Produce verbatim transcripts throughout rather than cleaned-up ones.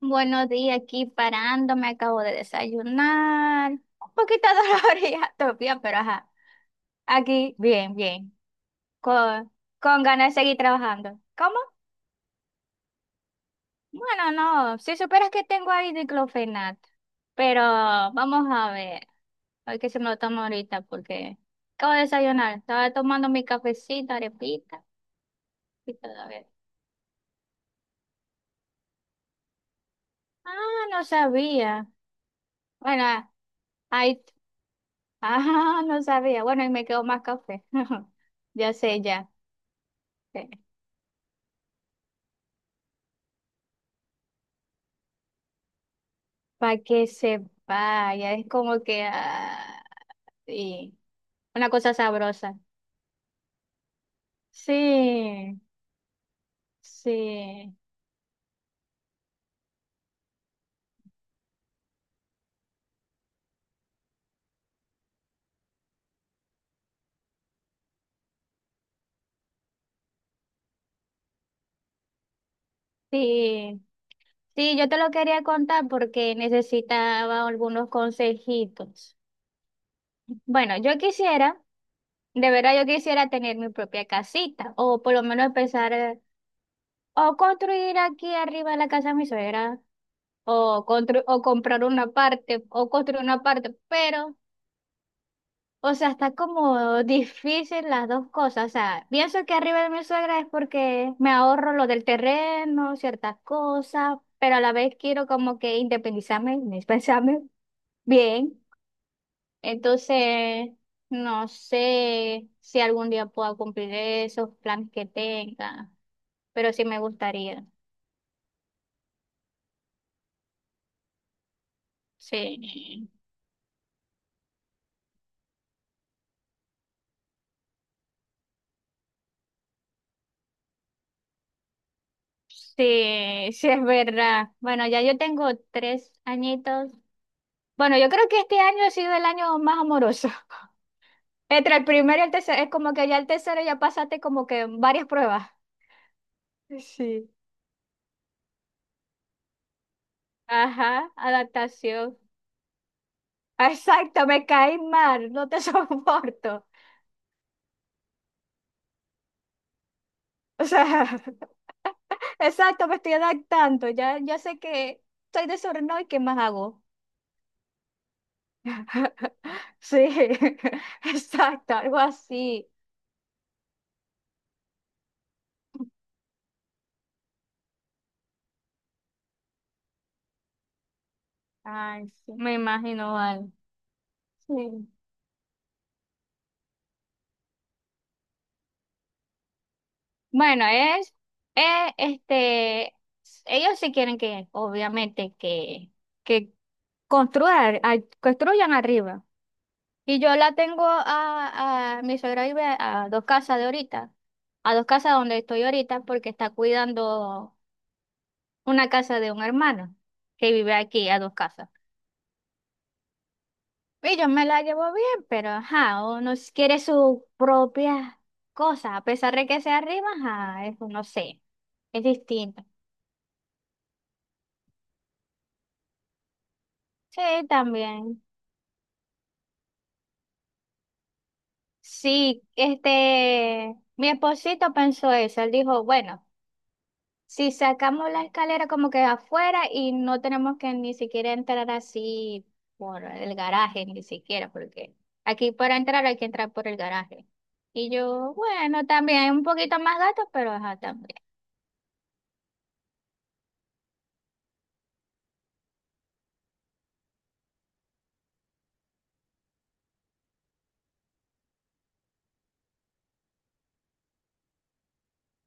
Buenos días, aquí parando, me acabo de desayunar. Un poquito dolorida todavía, pero ajá, aquí bien, bien, con, con ganas de seguir trabajando. ¿Cómo? Bueno, no, si supieras que tengo ahí diclofenato, pero vamos a ver, a ver qué se me lo tomo ahorita porque acabo de desayunar, estaba tomando mi cafecito, arepita y todavía. Ah, no sabía. Bueno, ahí, ah, no sabía. Bueno, y me quedó más café. Ya sé, ya. Para que se vaya, es como que ah, y una cosa sabrosa. Sí, sí, sí, sí, yo te lo quería contar porque necesitaba algunos consejitos. Bueno, yo quisiera, de verdad yo quisiera tener mi propia casita o por lo menos empezar eh, o construir aquí arriba la casa de mi suegra o, constru- o comprar una parte o construir una parte, pero... O sea, está como difícil las dos cosas. O sea, pienso que arriba de mi suegra es porque me ahorro lo del terreno, ciertas cosas, pero a la vez quiero como que independizarme, independizarme bien. Entonces, no sé si algún día pueda cumplir esos planes que tenga, pero sí me gustaría. Sí, sí, sí es verdad. Bueno, ya yo tengo tres añitos. Bueno, yo creo que este año ha sido el año más amoroso. Entre el primero y el tercero, es como que ya el tercero ya pasaste como que varias pruebas. Sí. Ajá, adaptación. Exacto, me caí mal, no te soporto. O sea, exacto, me estoy adaptando. Ya, ya sé que soy desordenado y qué más hago. Sí, exacto, algo así. Ay, sí. Me imagino mal. Sí. Bueno, es, eh, este, ellos sí quieren que, obviamente, que, que Construir, a- construyan arriba. Y yo la tengo a, a mi suegra vive a dos casas de ahorita, a dos casas donde estoy ahorita, porque está cuidando una casa de un hermano que vive aquí a dos casas. Y yo me la llevo bien, pero ajá, uno s- quiere su propia cosa, a pesar de que sea arriba, ajá, es, no sé, es distinto. Sí, también. Sí, este, mi esposito pensó eso, él dijo, bueno. Si sacamos la escalera como que afuera y no tenemos que ni siquiera entrar así por el garaje, ni siquiera, porque aquí para entrar hay que entrar por el garaje. Y yo, bueno, también un poquito más gato, pero ajá, también.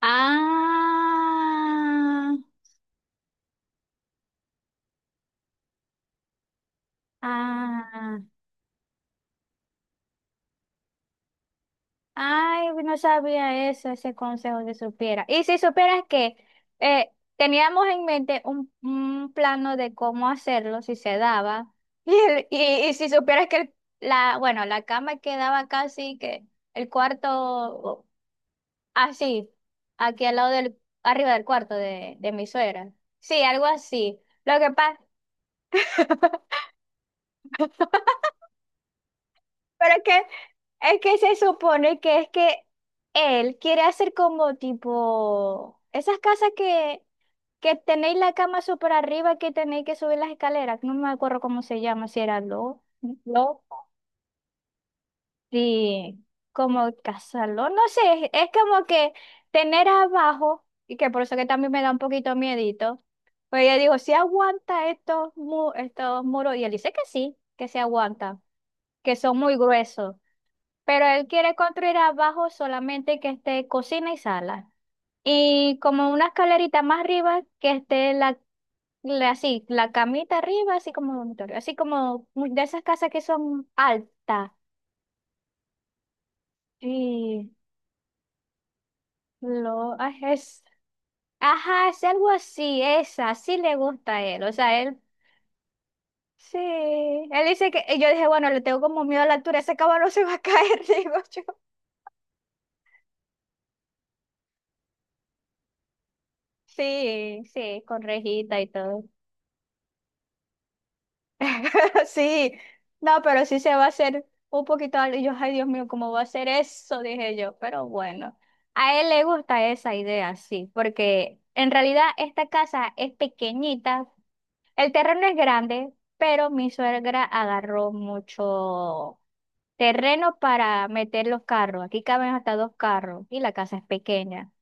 Ah, ah. Ay, no sabía eso, ese consejo que supiera. Y si supieras que eh, teníamos en mente un, un plano de cómo hacerlo, si se daba. Y, el- y, y si supieras que el- la, bueno, la cama quedaba casi que el cuarto así, aquí al lado del, arriba del cuarto de, de mi suegra. Sí, algo así. Lo que pasa. Pero es que, es que se supone que es que él quiere hacer como tipo esas casas que, que tenéis la cama súper arriba que tenéis que subir las escaleras. No me acuerdo cómo se llama, si era lo, lo, sí, como casarlo. No sé, es, es como que tener abajo, y que por eso que también me da un poquito miedito. Pues yo digo si aguanta estos, mu- estos muros? Y él dice que sí, que se aguanta, que son muy gruesos pero él quiere construir abajo solamente que esté cocina y sala. Y como una escalerita más arriba que esté la, la- así, la camita arriba, así como dormitorio, así como mu- de esas casas que son altas. Y lo ay, es, ajá, es algo así, esa, sí le gusta a él. O sea, él sí, él dice que, y yo dije, bueno, le tengo como miedo a la altura, ese cabrón no se va a caer, digo yo. Sí, sí, con rejita y todo. Sí, no, pero sí se va a hacer un poquito algo. Y yo, ay, Dios mío, ¿cómo va a hacer eso? Dije yo, pero bueno, a él le gusta esa idea, sí, porque en realidad esta casa es pequeñita, el terreno es grande, pero mi suegra agarró mucho terreno para meter los carros. Aquí caben hasta dos carros y la casa es pequeña.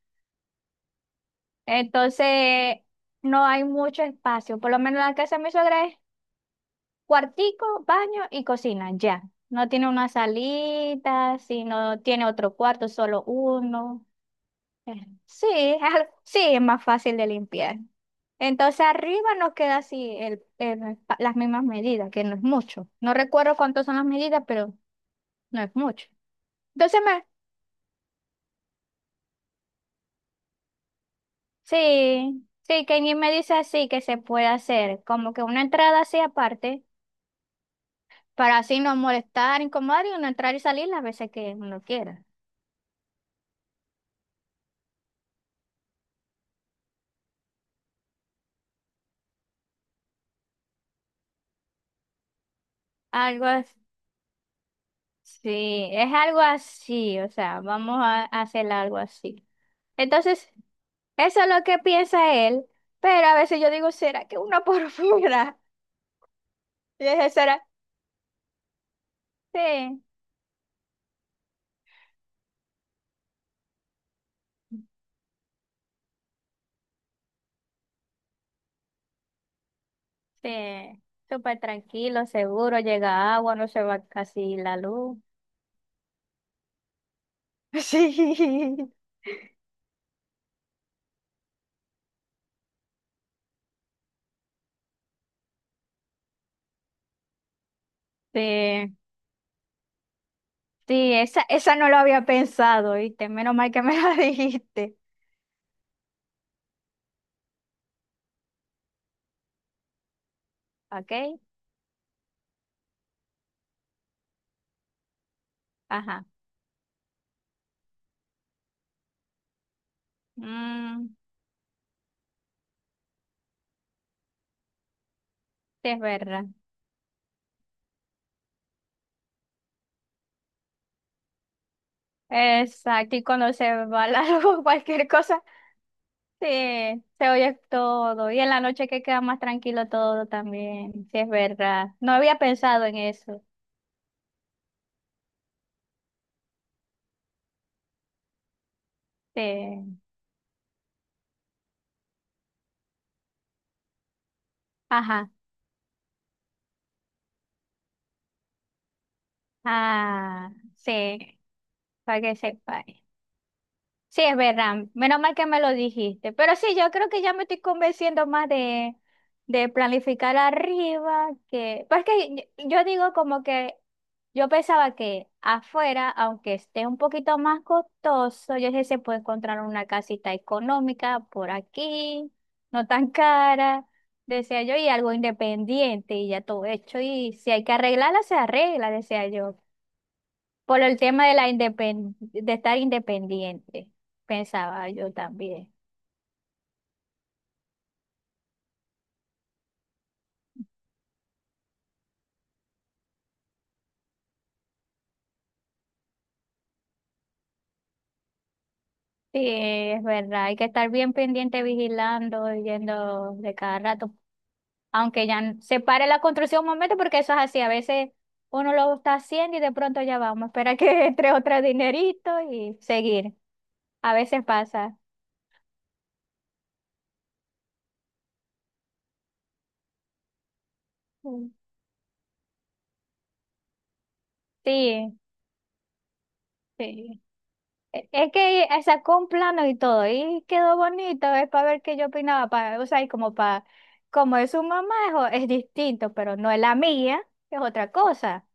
Entonces, no hay mucho espacio, por lo menos la casa de mi suegra es Cuartico, baño y cocina, ya. No tiene una salita, si no tiene otro cuarto, solo uno. Eh, Sí, es al- sí, es más fácil de limpiar. Entonces arriba nos queda así el, el pa- las mismas medidas, que no es mucho. No recuerdo cuántas son las medidas, pero no es mucho. Entonces me, sí, sí, Kenny me dice así que se puede hacer, como que una entrada así aparte, para así no molestar, incomodar y uno entrar y salir las veces que uno quiera. Algo así. Sí, es algo así, o sea, vamos a hacer algo así. Entonces, eso es lo que piensa él, pero a veces yo digo, ¿será que una por fuera? Y dije, ¿será? Sí, sí, súper tranquilo, seguro, llega agua, no se va casi la luz. Sí, sí, sí, esa, esa no lo había pensado, ¿viste? Menos mal que me la dijiste, ¿ok? Ajá, mm, sí, es verdad. Exacto, y cuando se va la luz, cualquier cosa. Sí, se oye todo. Y en la noche que queda más tranquilo todo también. Sí, es verdad. No había pensado en eso. Sí. Ajá. Ah, sí. Para que sepa. Sí, es verdad. Menos mal que me lo dijiste. Pero sí, yo creo que ya me estoy convenciendo más de, de planificar arriba que... Pues que yo yo digo como que yo pensaba que afuera, aunque esté un poquito más costoso, yo dije, se puede encontrar una casita económica por aquí, no tan cara, decía yo, y algo independiente y ya todo hecho. Y si hay que arreglarla, se arregla, decía yo. Por el tema de la independ- de estar independiente, pensaba yo también. Sí, es verdad, hay que estar bien pendiente, vigilando, yendo de cada rato, aunque ya n- se pare la construcción un momento, porque eso es así, a veces uno lo está haciendo y de pronto ya vamos, espera que entre otro dinerito y seguir. A veces pasa. Mm. Sí, sí. E- Es que eh, sacó un plano y todo, y quedó bonito, es para ver qué yo opinaba, para, o sea, y como para, como es su mamá, es, o- es distinto, pero no es la mía, es otra cosa.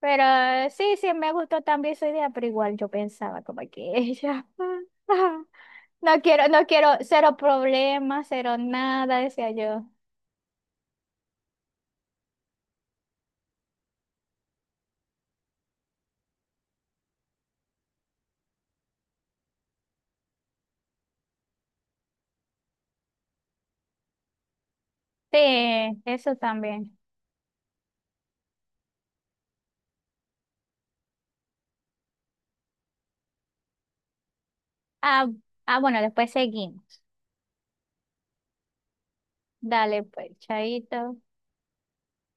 Pero eh, sí, sí, me gustó también su idea, pero igual yo pensaba como que ella, no quiero, no quiero, cero problemas, cero nada, decía yo. Sí, eso también. Ah, ah, bueno, después seguimos. Dale, pues, chaito.